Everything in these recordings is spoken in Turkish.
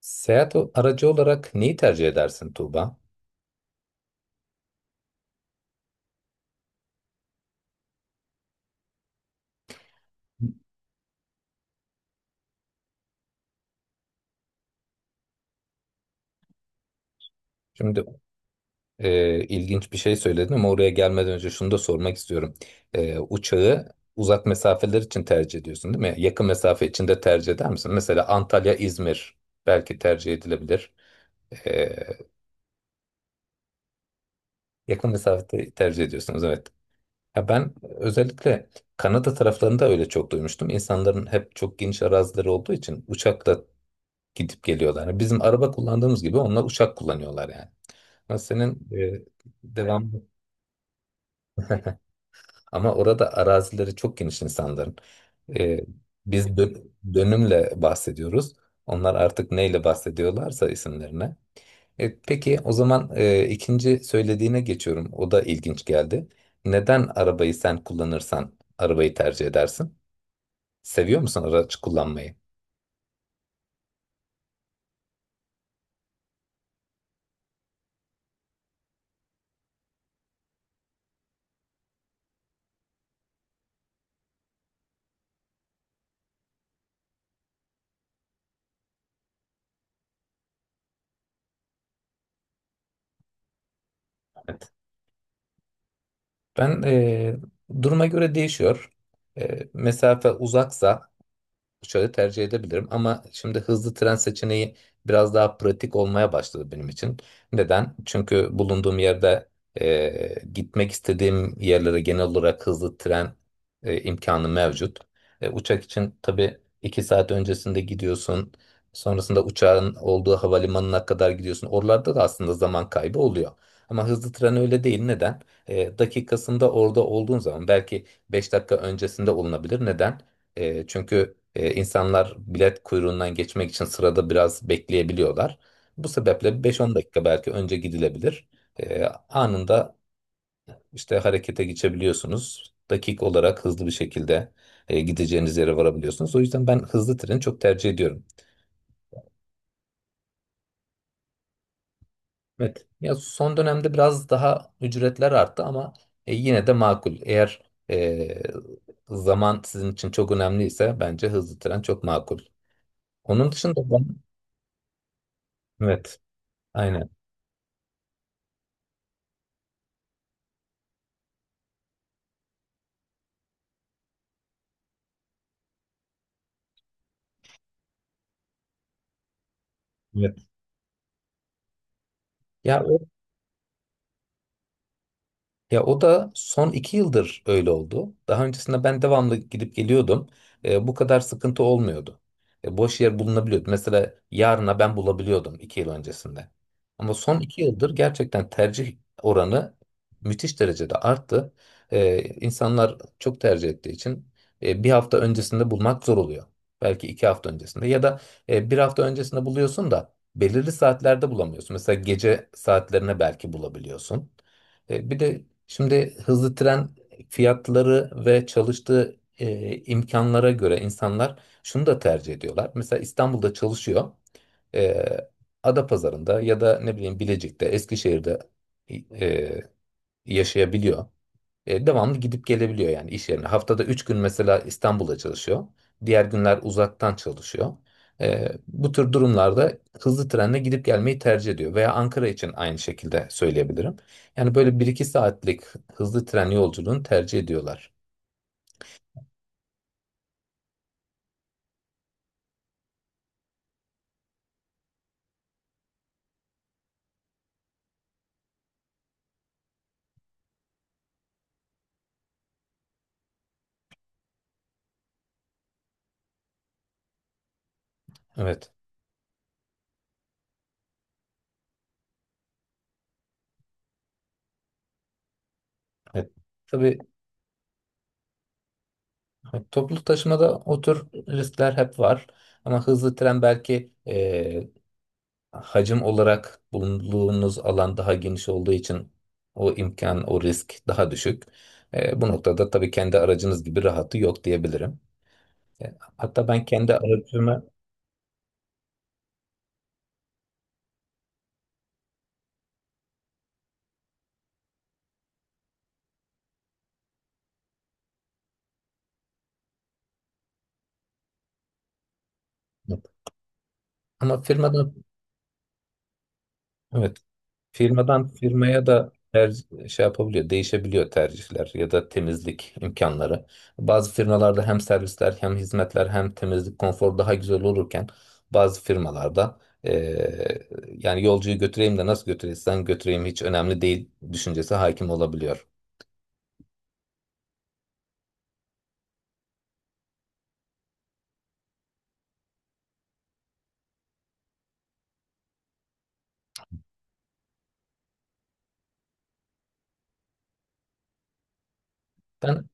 Seyahat aracı olarak neyi tercih edersin Tuğba? Şimdi ilginç bir şey söyledin ama oraya gelmeden önce şunu da sormak istiyorum. Uçağı uzak mesafeler için tercih ediyorsun, değil mi? Yakın mesafe için de tercih eder misin? Mesela Antalya, İzmir belki tercih edilebilir. E, yakın mesafede tercih ediyorsunuz, evet. Ya ben özellikle Kanada taraflarında öyle çok duymuştum. İnsanların hep çok geniş arazileri olduğu için uçakla gidip geliyorlar. Yani bizim araba kullandığımız gibi onlar uçak kullanıyorlar yani. Ama senin devamlı. Ama orada arazileri çok geniş insanların. E, biz dönümle bahsediyoruz. Onlar artık neyle bahsediyorlarsa isimlerine. Peki o zaman ikinci söylediğine geçiyorum. O da ilginç geldi. Neden arabayı sen kullanırsan arabayı tercih edersin? Seviyor musun araç kullanmayı? Evet. Ben duruma göre değişiyor. Mesafe uzaksa şöyle tercih edebilirim ama şimdi hızlı tren seçeneği biraz daha pratik olmaya başladı benim için. Neden? Çünkü bulunduğum yerde gitmek istediğim yerlere genel olarak hızlı tren imkanı mevcut. Uçak için tabii 2 saat öncesinde gidiyorsun. Sonrasında uçağın olduğu havalimanına kadar gidiyorsun. Oralarda da aslında zaman kaybı oluyor. Ama hızlı tren öyle değil. Neden? Dakikasında orada olduğun zaman belki 5 dakika öncesinde olunabilir. Neden? Çünkü insanlar bilet kuyruğundan geçmek için sırada biraz bekleyebiliyorlar. Bu sebeple 5-10 dakika belki önce gidilebilir. E, anında işte harekete geçebiliyorsunuz. Dakik olarak hızlı bir şekilde gideceğiniz yere varabiliyorsunuz. O yüzden ben hızlı treni çok tercih ediyorum. Evet. Ya son dönemde biraz daha ücretler arttı ama yine de makul. Eğer e, zaman sizin için çok önemliyse bence hızlı tren çok makul. Onun dışında ben... Evet. Aynen. Evet. Ya o, ya o da son 2 yıldır öyle oldu. Daha öncesinde ben devamlı gidip geliyordum. Bu kadar sıkıntı olmuyordu. Boş yer bulunabiliyordu. Mesela yarına ben bulabiliyordum 2 yıl öncesinde. Ama son 2 yıldır gerçekten tercih oranı müthiş derecede arttı. E, insanlar çok tercih ettiği için bir hafta öncesinde bulmak zor oluyor. Belki 2 hafta öncesinde ya da bir hafta öncesinde buluyorsun da belirli saatlerde bulamıyorsun. Mesela gece saatlerine belki bulabiliyorsun. Bir de şimdi hızlı tren fiyatları ve çalıştığı imkanlara göre insanlar şunu da tercih ediyorlar. Mesela İstanbul'da çalışıyor. E, Adapazarı'nda ya da ne bileyim Bilecik'te, Eskişehir'de e, yaşayabiliyor. Devamlı gidip gelebiliyor yani iş yerine. Haftada 3 gün mesela İstanbul'da çalışıyor. Diğer günler uzaktan çalışıyor. Bu tür durumlarda hızlı trenle gidip gelmeyi tercih ediyor. Veya Ankara için aynı şekilde söyleyebilirim. Yani böyle bir iki saatlik hızlı tren yolculuğunu tercih ediyorlar. Evet. Evet. Tabii, evet, toplu taşımada o tür riskler hep var. Ama hızlı tren belki hacim olarak bulunduğunuz alan daha geniş olduğu için o imkan, o risk daha düşük. Bu noktada tabii kendi aracınız gibi rahatı yok diyebilirim. Hatta ben kendi aracımı, ama firmadan, evet, firmadan firmaya da şey yapabiliyor, değişebiliyor tercihler ya da temizlik imkanları. Bazı firmalarda hem servisler hem hizmetler hem temizlik konfor daha güzel olurken bazı firmalarda yani yolcuyu götüreyim de nasıl götürürsen götüreyim hiç önemli değil düşüncesi hakim olabiliyor. Ben...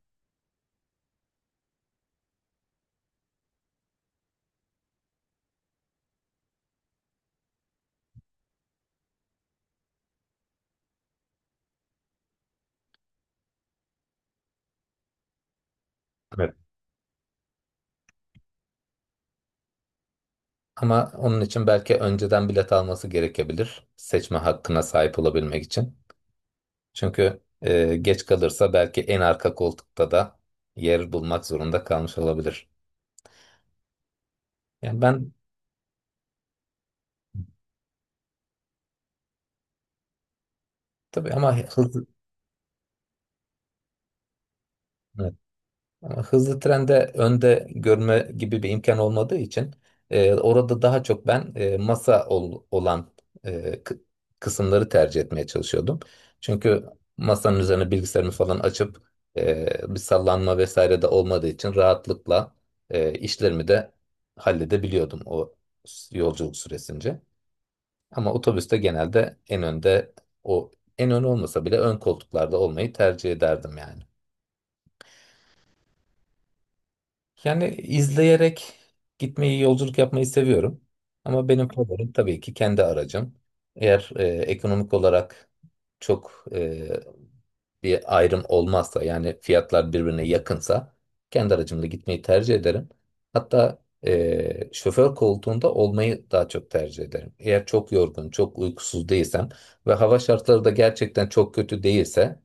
Evet. Ama onun için belki önceden bilet alması gerekebilir seçme hakkına sahip olabilmek için. Çünkü geç kalırsa belki en arka koltukta da yer bulmak zorunda kalmış olabilir. Yani ben, tabii, ama hızlı, evet, ama hızlı trende önde görme gibi bir imkan olmadığı için orada daha çok ben masa olan e, kı- kısımları tercih etmeye çalışıyordum. Çünkü masanın üzerine bilgisayarımı falan açıp bir sallanma vesaire de olmadığı için rahatlıkla işlerimi de halledebiliyordum o yolculuk süresince. Ama otobüste genelde en önde, o, en ön olmasa bile ön koltuklarda olmayı tercih ederdim yani. Yani izleyerek gitmeyi, yolculuk yapmayı seviyorum. Ama benim favorim tabii ki kendi aracım. Eğer ekonomik olarak çok bir ayrım olmazsa yani fiyatlar birbirine yakınsa kendi aracımla gitmeyi tercih ederim. Hatta şoför koltuğunda olmayı daha çok tercih ederim. Eğer çok yorgun, çok uykusuz değilsem ve hava şartları da gerçekten çok kötü değilse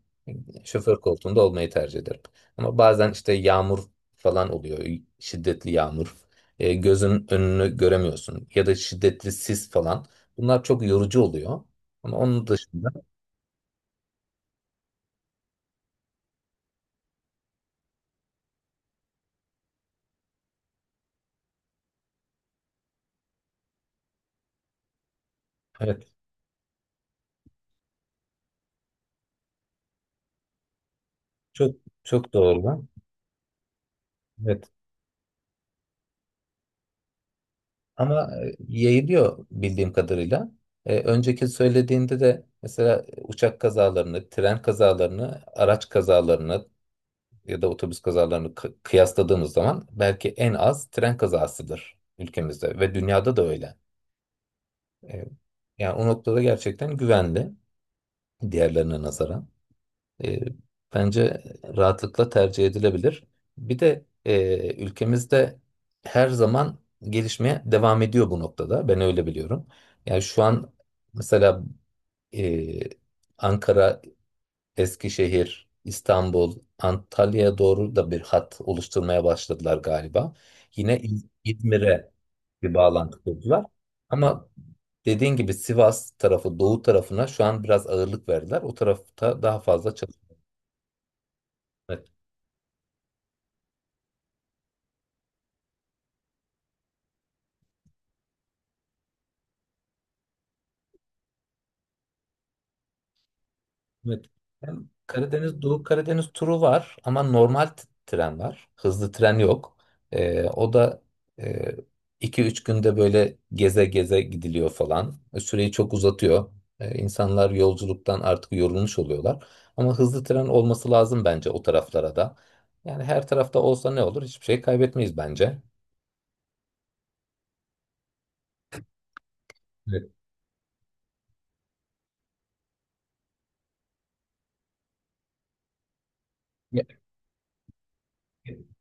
şoför koltuğunda olmayı tercih ederim. Ama bazen işte yağmur falan oluyor, şiddetli yağmur. Gözün önünü göremiyorsun ya da şiddetli sis falan. Bunlar çok yorucu oluyor. Ama onun dışında, evet, çok çok doğru. Evet. Ama yayılıyor bildiğim kadarıyla. Önceki söylediğinde de mesela uçak kazalarını, tren kazalarını, araç kazalarını ya da otobüs kazalarını kıyasladığımız zaman belki en az tren kazasıdır ülkemizde ve dünyada da öyle. E, yani o noktada gerçekten güvenli diğerlerine nazaran. E, bence rahatlıkla tercih edilebilir. Bir de ülkemizde her zaman gelişmeye devam ediyor bu noktada. Ben öyle biliyorum. Yani şu an mesela e, Ankara, Eskişehir, İstanbul, Antalya'ya doğru da bir hat oluşturmaya başladılar galiba. Yine İzmir'e bir bağlantı kurdular. Ama dediğin gibi Sivas tarafı, Doğu tarafına şu an biraz ağırlık verdiler. O tarafta daha fazla çalışma... Evet. Hem Karadeniz, Doğu Karadeniz turu var ama normal tren var. Hızlı tren yok. O da e, iki üç günde böyle geze geze gidiliyor falan. Süreyi çok uzatıyor. İnsanlar yolculuktan artık yorulmuş oluyorlar. Ama hızlı tren olması lazım bence o taraflara da. Yani her tarafta olsa ne olur? Hiçbir şey kaybetmeyiz bence. Evet.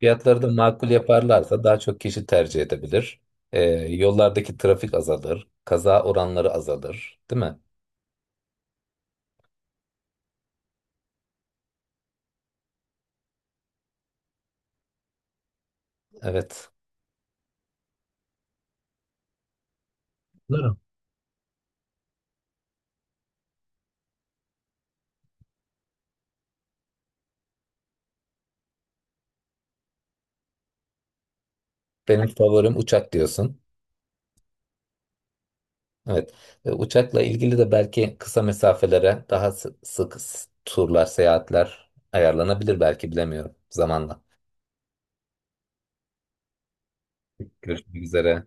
Fiyatları da makul yaparlarsa daha çok kişi tercih edebilir. Ee, yollardaki trafik azalır, kaza oranları azalır, değil mi? Evet. Doğru. Benim favorim uçak diyorsun. Evet. Uçakla ilgili de belki kısa mesafelere daha sık turlar, seyahatler ayarlanabilir belki bilemiyorum zamanla. Görüşmek üzere.